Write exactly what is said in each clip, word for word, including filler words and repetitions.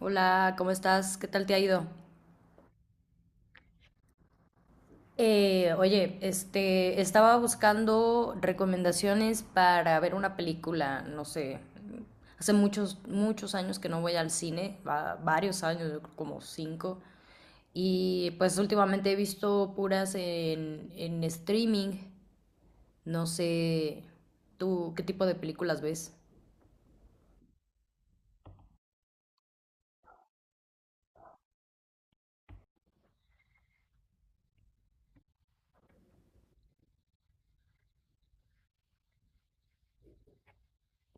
Hola, ¿cómo estás? ¿Qué tal te ha ido? Eh, oye, este, estaba buscando recomendaciones para ver una película, no sé, hace muchos, muchos años que no voy al cine, va- varios años, yo creo como cinco, y pues últimamente he visto puras en, en streaming, no sé, ¿tú qué tipo de películas ves?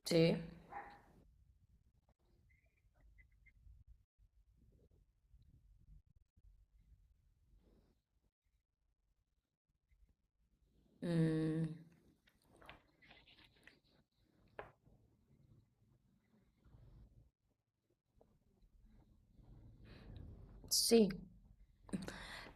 Sí. Mm, sí.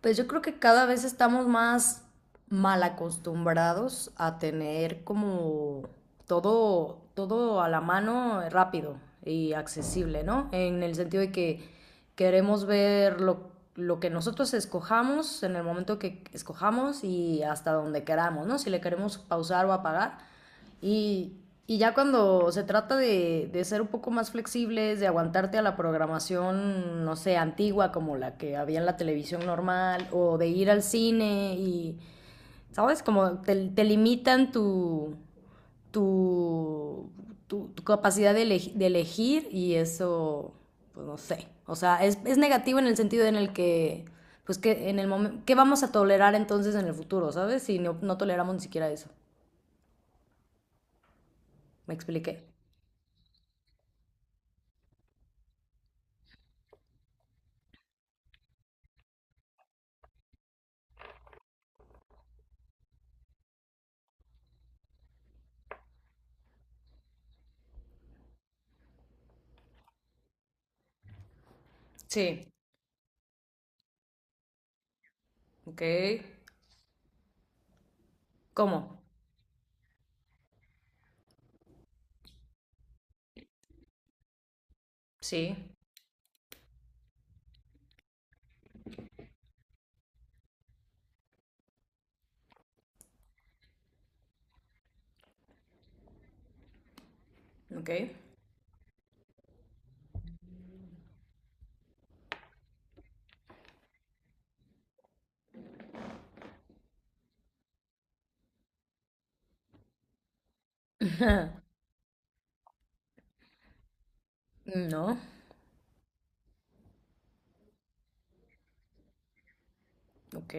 Pues yo creo que cada vez estamos más mal acostumbrados a tener como todo, todo a la mano rápido y accesible, ¿no? En el sentido de que queremos ver lo, lo que nosotros escojamos en el momento que escojamos y hasta donde queramos, ¿no? Si le queremos pausar o apagar y, y ya cuando se trata de, de ser un poco más flexibles, de aguantarte a la programación, no sé, antigua como la que había en la televisión normal, o de ir al cine y, ¿sabes? Como te, te limitan tu, tu, tu, tu capacidad de, elegi- de elegir y eso, pues no sé. O sea, es, es negativo en el sentido en el que, pues que en el momento, ¿qué vamos a tolerar entonces en el futuro, ¿sabes? Si no, no toleramos ni siquiera eso. ¿Me expliqué? Sí. Ok. ¿Cómo? Sí. Ok. No. Ok.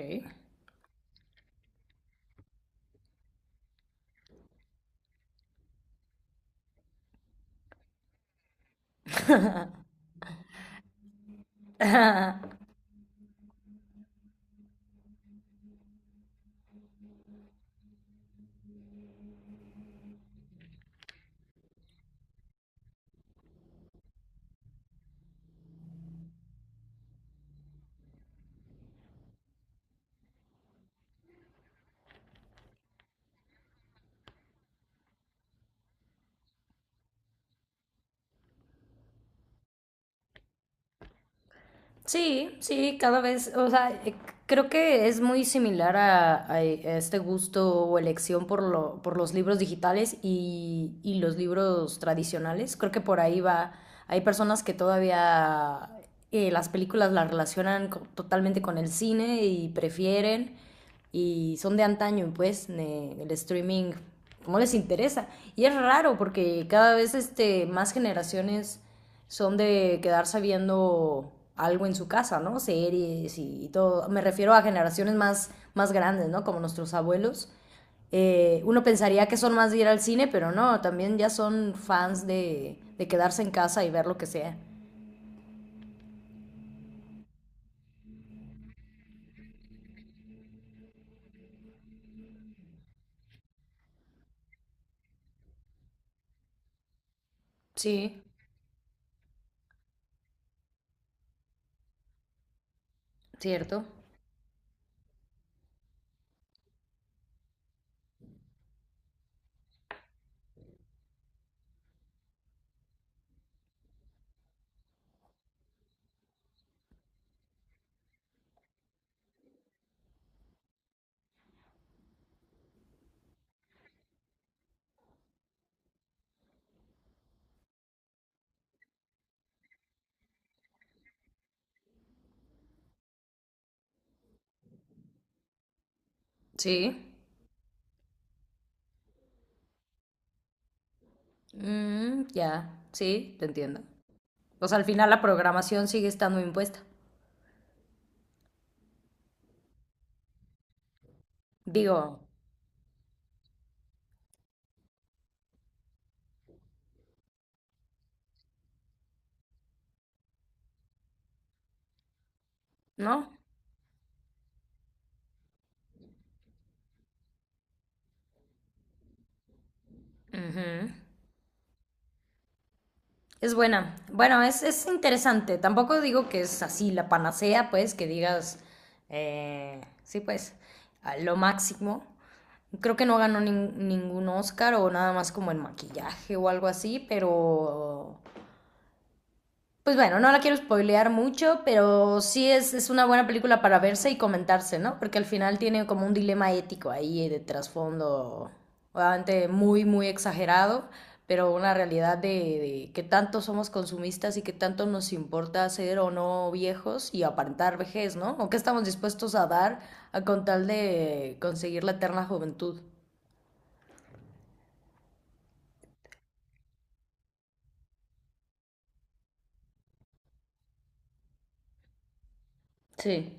Sí, sí, cada vez, o sea, eh, creo que es muy similar a, a- a este gusto o elección por lo, por los libros digitales y, y los libros tradicionales. Creo que por ahí va, hay personas que todavía eh, las películas las relacionan co- totalmente con el cine y prefieren y son de antaño, pues, ne- el streaming, no les interesa. Y es raro porque cada vez este, más generaciones son de quedarse viendo algo en su casa, ¿no? Series y, y todo. Me refiero a generaciones más, más grandes, ¿no? Como nuestros abuelos. Eh, uno pensaría que son más de ir al cine, pero no, también ya son fans de, de quedarse en casa y ver lo que sea. Sí. ¿Cierto? Sí. Mm, ya, sí, te entiendo. Pues al final la programación sigue estando impuesta. Digo, ¿no? Ujú. Es buena. Bueno, es, es interesante. Tampoco digo que es así la panacea, pues, que digas, eh, sí, pues, a lo máximo. Creo que no ganó nin- ningún Oscar o nada más como en maquillaje o algo así, pero pues bueno, no la quiero spoilear mucho, pero sí es, es una buena película para verse y comentarse, ¿no? Porque al final tiene como un dilema ético ahí de trasfondo, obviamente muy, muy exagerado, pero una realidad de, de que tanto somos consumistas y que tanto nos importa ser o no viejos y aparentar vejez, ¿no? O qué estamos dispuestos a dar a con tal de conseguir la eterna juventud. Sí.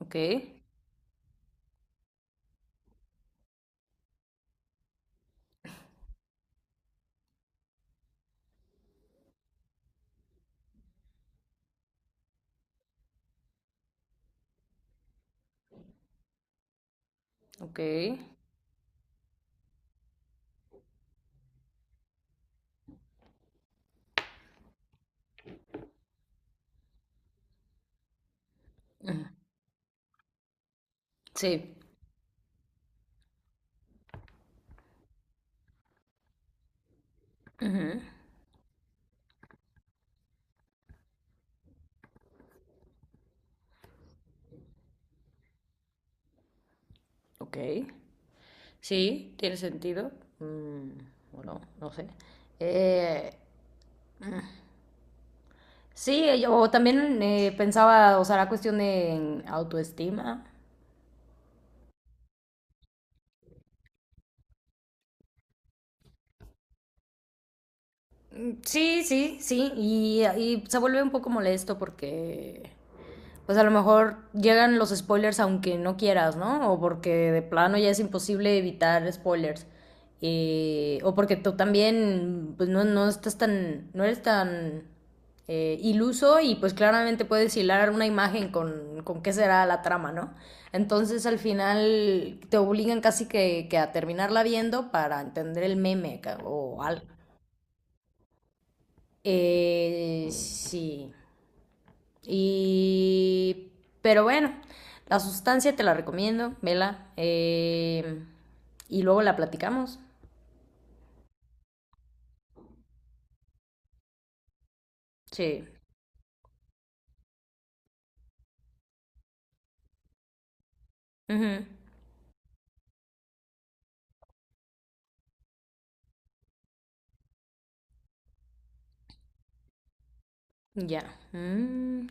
Ok, ok, sí, ujú, ok. Sí, tiene sentido. Mm, bueno, no sé. Eh, sí, eh, yo también eh, pensaba, o sea, la cuestión de autoestima. Mm, sí, sí, sí. Y, y se vuelve un poco molesto porque pues a lo mejor llegan los spoilers aunque no quieras, ¿no? O porque de plano ya es imposible evitar spoilers. Eh, o porque tú también, pues no, no estás tan, no eres tan eh, iluso y pues claramente puedes hilar una imagen con, con qué será la trama, ¿no? Entonces al final te obligan casi que, que a terminarla viendo para entender el meme o algo. Eh, sí. Y... pero bueno, la sustancia te la recomiendo, vela. eh, y luego la platicamos. Sí. Ujú. Ya. Mm.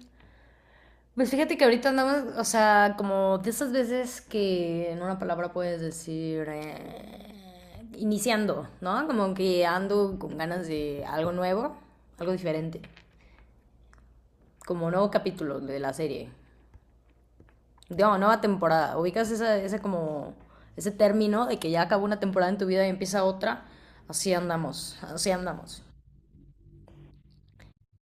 Pues fíjate que ahorita andamos, o sea, como de esas veces que en una palabra puedes decir eh, iniciando, ¿no? Como que ando con ganas de algo nuevo, algo diferente, como nuevo capítulo de la serie. Digamos, nueva temporada. Ubicas esa, ese como, ese término de que ya acabó una temporada en tu vida y empieza otra. Así andamos, así andamos.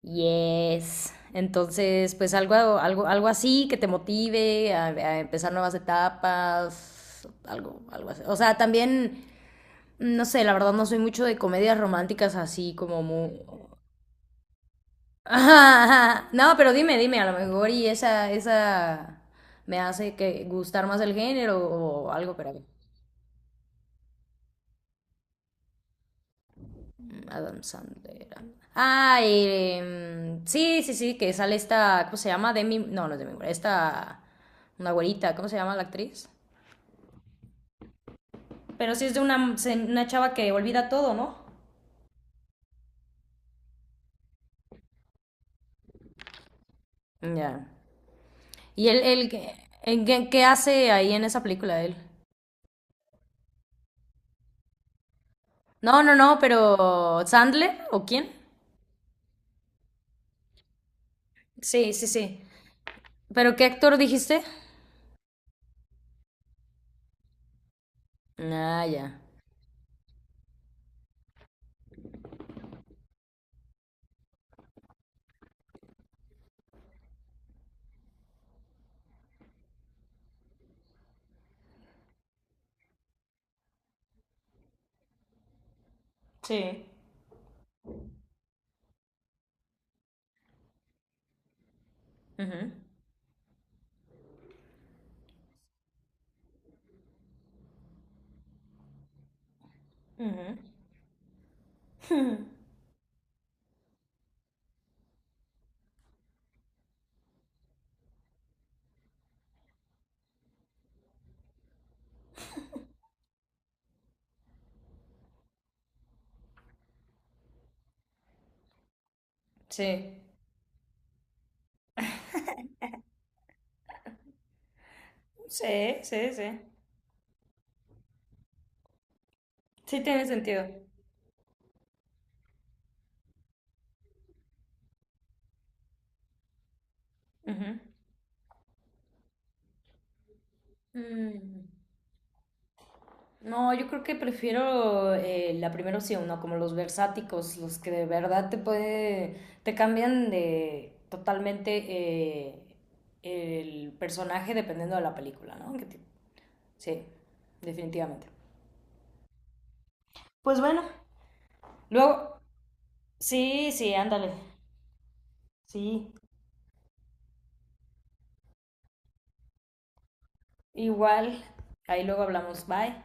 Yes. Entonces, pues algo, algo, algo así que te motive a, a empezar nuevas etapas, algo, algo así. O sea, también, no sé, la verdad no soy mucho de comedias románticas así como muy... No, pero dime, dime, a lo mejor y esa, esa me hace que gustar más el género o algo, pero... a ver. Adam Sandler. Ah, eh, sí, sí, sí, que sale esta, ¿cómo se llama? Demi, no, no es Demi Moore, esta, una güerita, ¿cómo se llama la actriz? Pero sí es de una, una chava que olvida todo, ¿no? Ya. ¿Y él, él qué, en qué- qué hace ahí en esa película él? No, no, no, pero ¿Sandler o quién? Sí, sí, sí. ¿Pero qué actor dijiste? Ah, ya. Sí. Ujú, ujú. Sí. Sí, sí, sí. Sí tiene sentido. Ujú. Mm, no, yo creo que prefiero eh, la primera opción, ¿no? Como los versáticos, los que de verdad te puede, te cambian de totalmente eh, el personaje dependiendo de la película, ¿no? Que te- sí, definitivamente. Pues bueno, luego, sí, sí, ándale, sí, igual, ahí luego hablamos, bye.